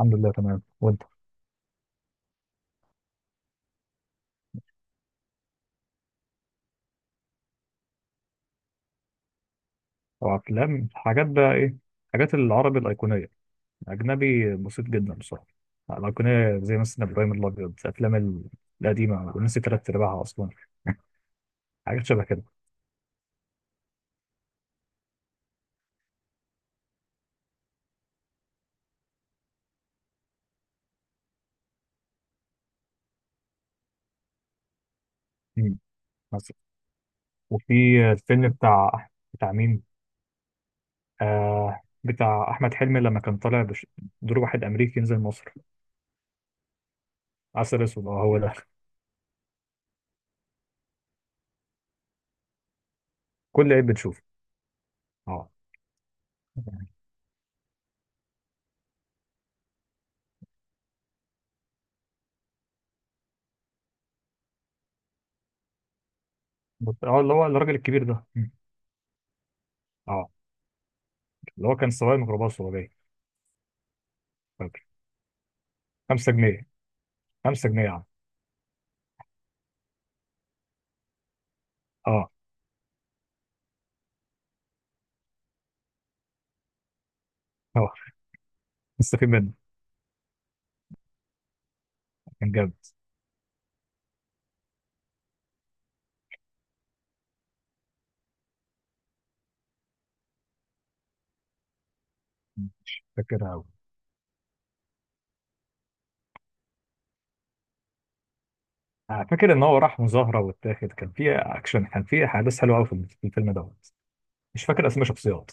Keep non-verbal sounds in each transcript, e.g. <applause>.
الحمد لله، تمام. وانت؟ طبعا افلام، حاجات بقى ايه؟ حاجات العربي الايقونيه. اجنبي بسيط جدا بصراحه. الايقونيه زي مثلا ابراهيم الابيض، الافلام القديمه، ونسي تلات ارباعها اصلا. حاجات شبه كده. مم. مثلا. وفي الفيلم بتاع مين؟ آه، بتاع احمد حلمي لما كان طالع دور واحد امريكي ينزل مصر. عسل اسود، اه هو ده. كل عيب بتشوفه. اه. اللي هو الراجل الكبير ده. مم. اه، اللي هو كان سواق ميكروباص وهو جاي. فاكر. 5 جنيه، 5 جنيه يا عم. اه. اه، مستفيد منه. كان جامد. فاكر قوي. فاكر ان هو راح مظاهره واتاخد، كان في اكشن، كان في احداث حلوه قوي في الفيلم دوت. مش فاكر اسماء شخصيات،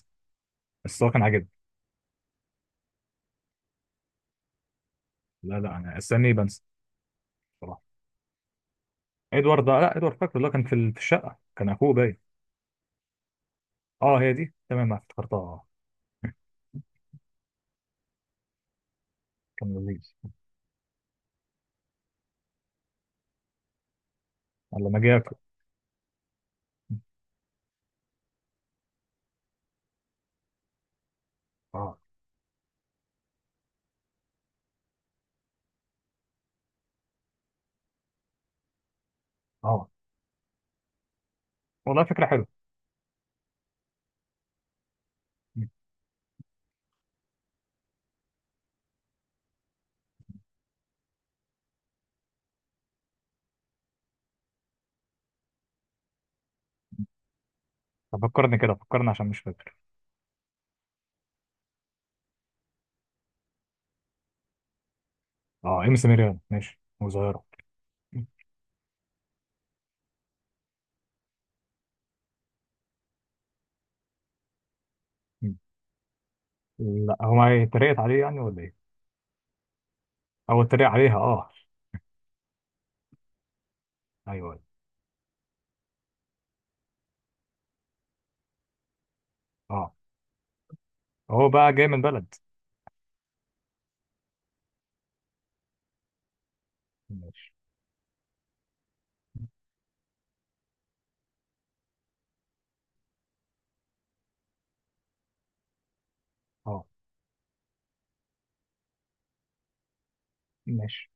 بس هو كان عاجبني. لا لا، انا استني بنسى بصراحه. ادوارد ده، لا ادوارد فاكر اللي هو كان في في الشقه، كان اخوه باين. اه، هي دي، تمام أنا افتكرتها. اه، كان لذيذ لما جه ياكل. اه. اه، والله فكره حلوه. مم. طب فكرني كده، فكرني عشان مش فاكر. اه، ام سي ميريان، ماشي وصغيره. لا هو ما اتريقت عليه يعني ولا ايه؟ هو اتريق عليها، اه. ايوه أيوه. اه، هو بقى جاي من بلد. ماشي. اه. ماشي.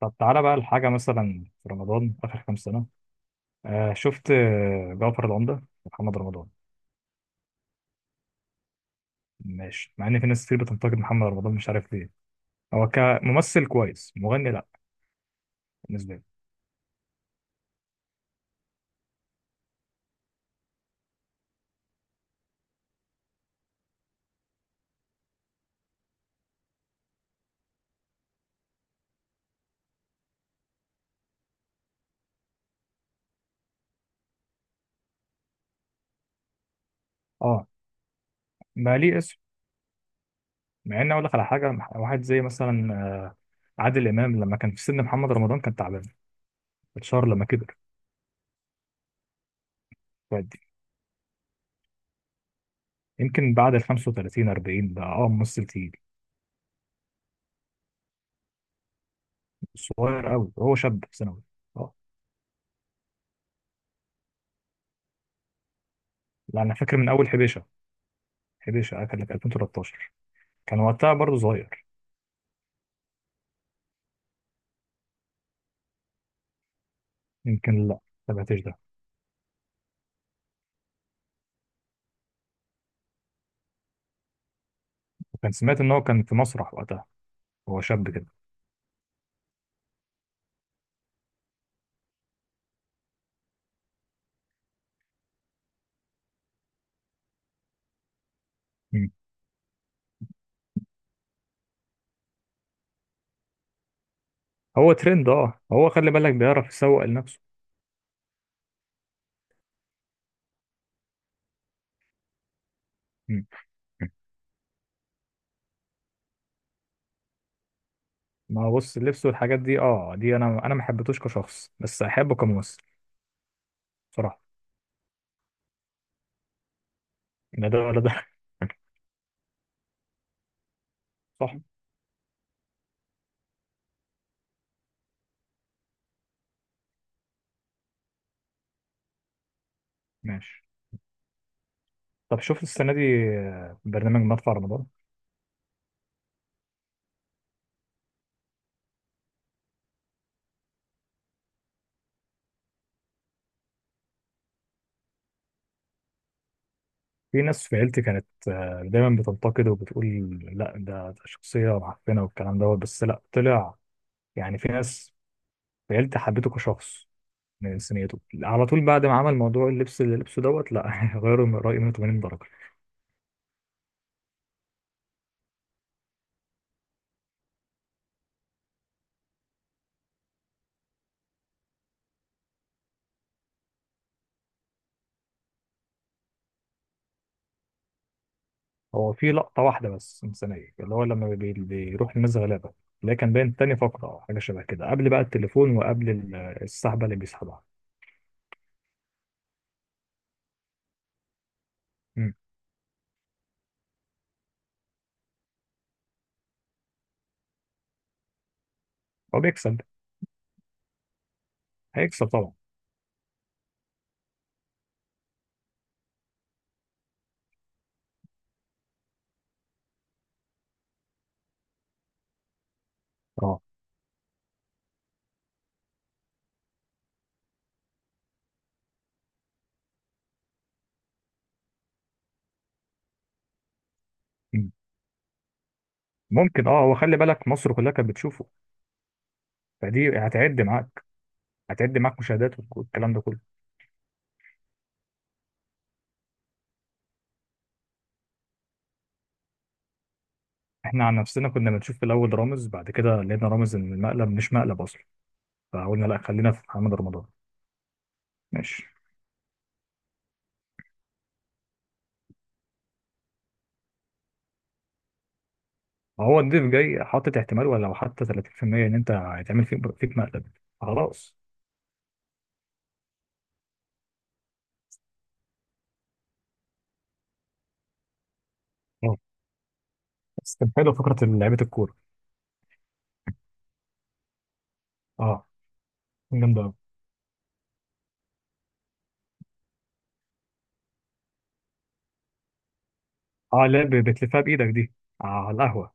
طب تعالى بقى لحاجة مثلا في رمضان آخر كام سنة، شفت جعفر العمدة ومحمد رمضان. ماشي، مع إن في ناس كتير بتنتقد محمد رمضان مش عارف ليه. هو كممثل كويس، مغني لأ، بالنسبة لي. اه، ما ليه اسم. مع إن أقول لك على حاجة، واحد زي مثلا عادل إمام، لما كان في سن محمد رمضان كان تعبان. اتشهر لما كبر. ودي يمكن بعد ال 35 40، بقى ممثل تقيل. صغير قوي، هو شاب في ثانوي. اه. لا أنا فاكر من أول حبيشة. حديقة شقة كان في 2013. كان وقتها برضه صغير. يمكن، لا ما تابعتش ده. وكان سمعت ان هو كان في مسرح وقتها، هو شاب كده. مم. هو ترند. اه هو خلي بالك بيعرف يسوق لنفسه. مم. ما هو بص، اللبس والحاجات دي، دي انا ما حبيتوش كشخص، بس احبه كممثل. بصراحة، لا ده ولا ده. <laughs> صح. ماشي. طب شفت السنة دي برنامج مدفع رمضان؟ في ناس في عيلتي كانت دايما بتنتقد وبتقول لا، ده شخصية معفنة والكلام دوت. بس لا، طلع يعني، في ناس بجد حبيته كشخص من انسانيته على طول، بعد ما عمل موضوع اللبس اللي لبسه دوت. لا، <laughs> غيروا من رأيي 180 درجة. هو في لقطة واحدة بس إنسانية، اللي هو لما بيروح للناس غلابة، اللي هي كان باين تاني فقرة أو حاجة شبه كده قبل بقى التليفون، وقبل السحبة اللي بيسحبها. مم. هو بيكسب. هيكسب طبعا. اه. مم. ممكن، هو خلي بالك مصر كلها كانت بتشوفه، فدي هتعد معاك. هتعد معاك مشاهدات والكلام ده كله. احنا عن نفسنا كنا بنشوف في الأول رامز، بعد كده لقينا رامز إن المقلب مش مقلب أصلا، فقلنا لا خلينا في محمد رمضان. ماشي. هو الضيف جاي حاطط احتمال ولا لو حتى 30% ان انت هيتعمل فيك مقلب. خلاص. اه. بس كان حلو فكره لعيبه الكوره. اه، جامده قوي. اه لا، بتلفها بايدك دي. آه، على القهوه.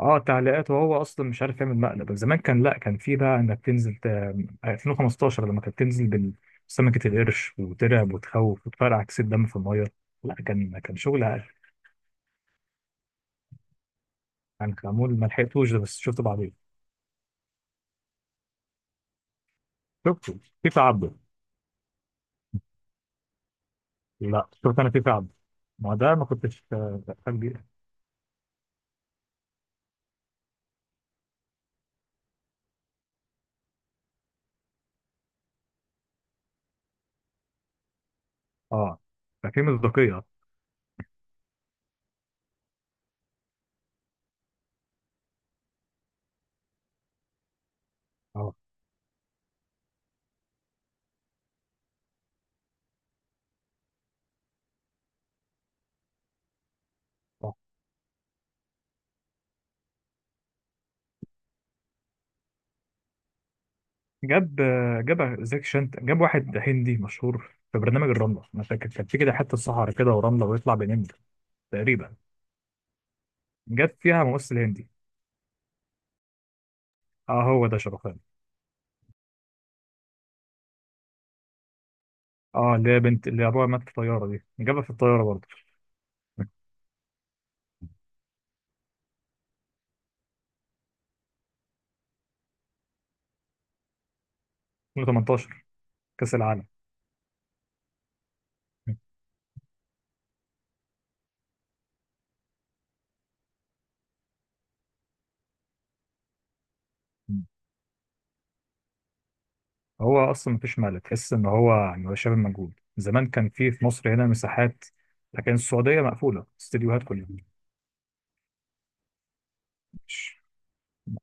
اه، تعليقات، وهو اصلا مش عارف يعمل مقلب. زمان كان، لا كان في بقى انك تنزل ت... آه، 2015 لما كانت تنزل بسمكه القرش وترعب وتخوف وتفرقع كيس الدم في الميه. لا، كان شغل عالي. يعني كان معمول، ما لحقتوش ده بس شفت بعدين. شفته في تعبد. لا، شفت انا في فعلا. ما ده ما كنتش بفهم بيه. اه، ففي مصداقيه. اه. صح. جاب زاك شانت، جاب واحد هندي مشهور في برنامج الرمله، انا فاكر كان في كده حته صحراء كده ورمله ويطلع بينام. تقريبا. جاب فيها ممثل هندي. اه هو ده شرفان. اه، اللي هي بنت اللي ابوها مات في الطياره دي، جابها في الطياره برضه. 2018 كاس العالم. هو اصلا مفيش ملل، تحس ان هو يعني هو شبه مجهول. زمان كان في مصر هنا مساحات، لكن السعوديه مقفوله استديوهات كلها. مش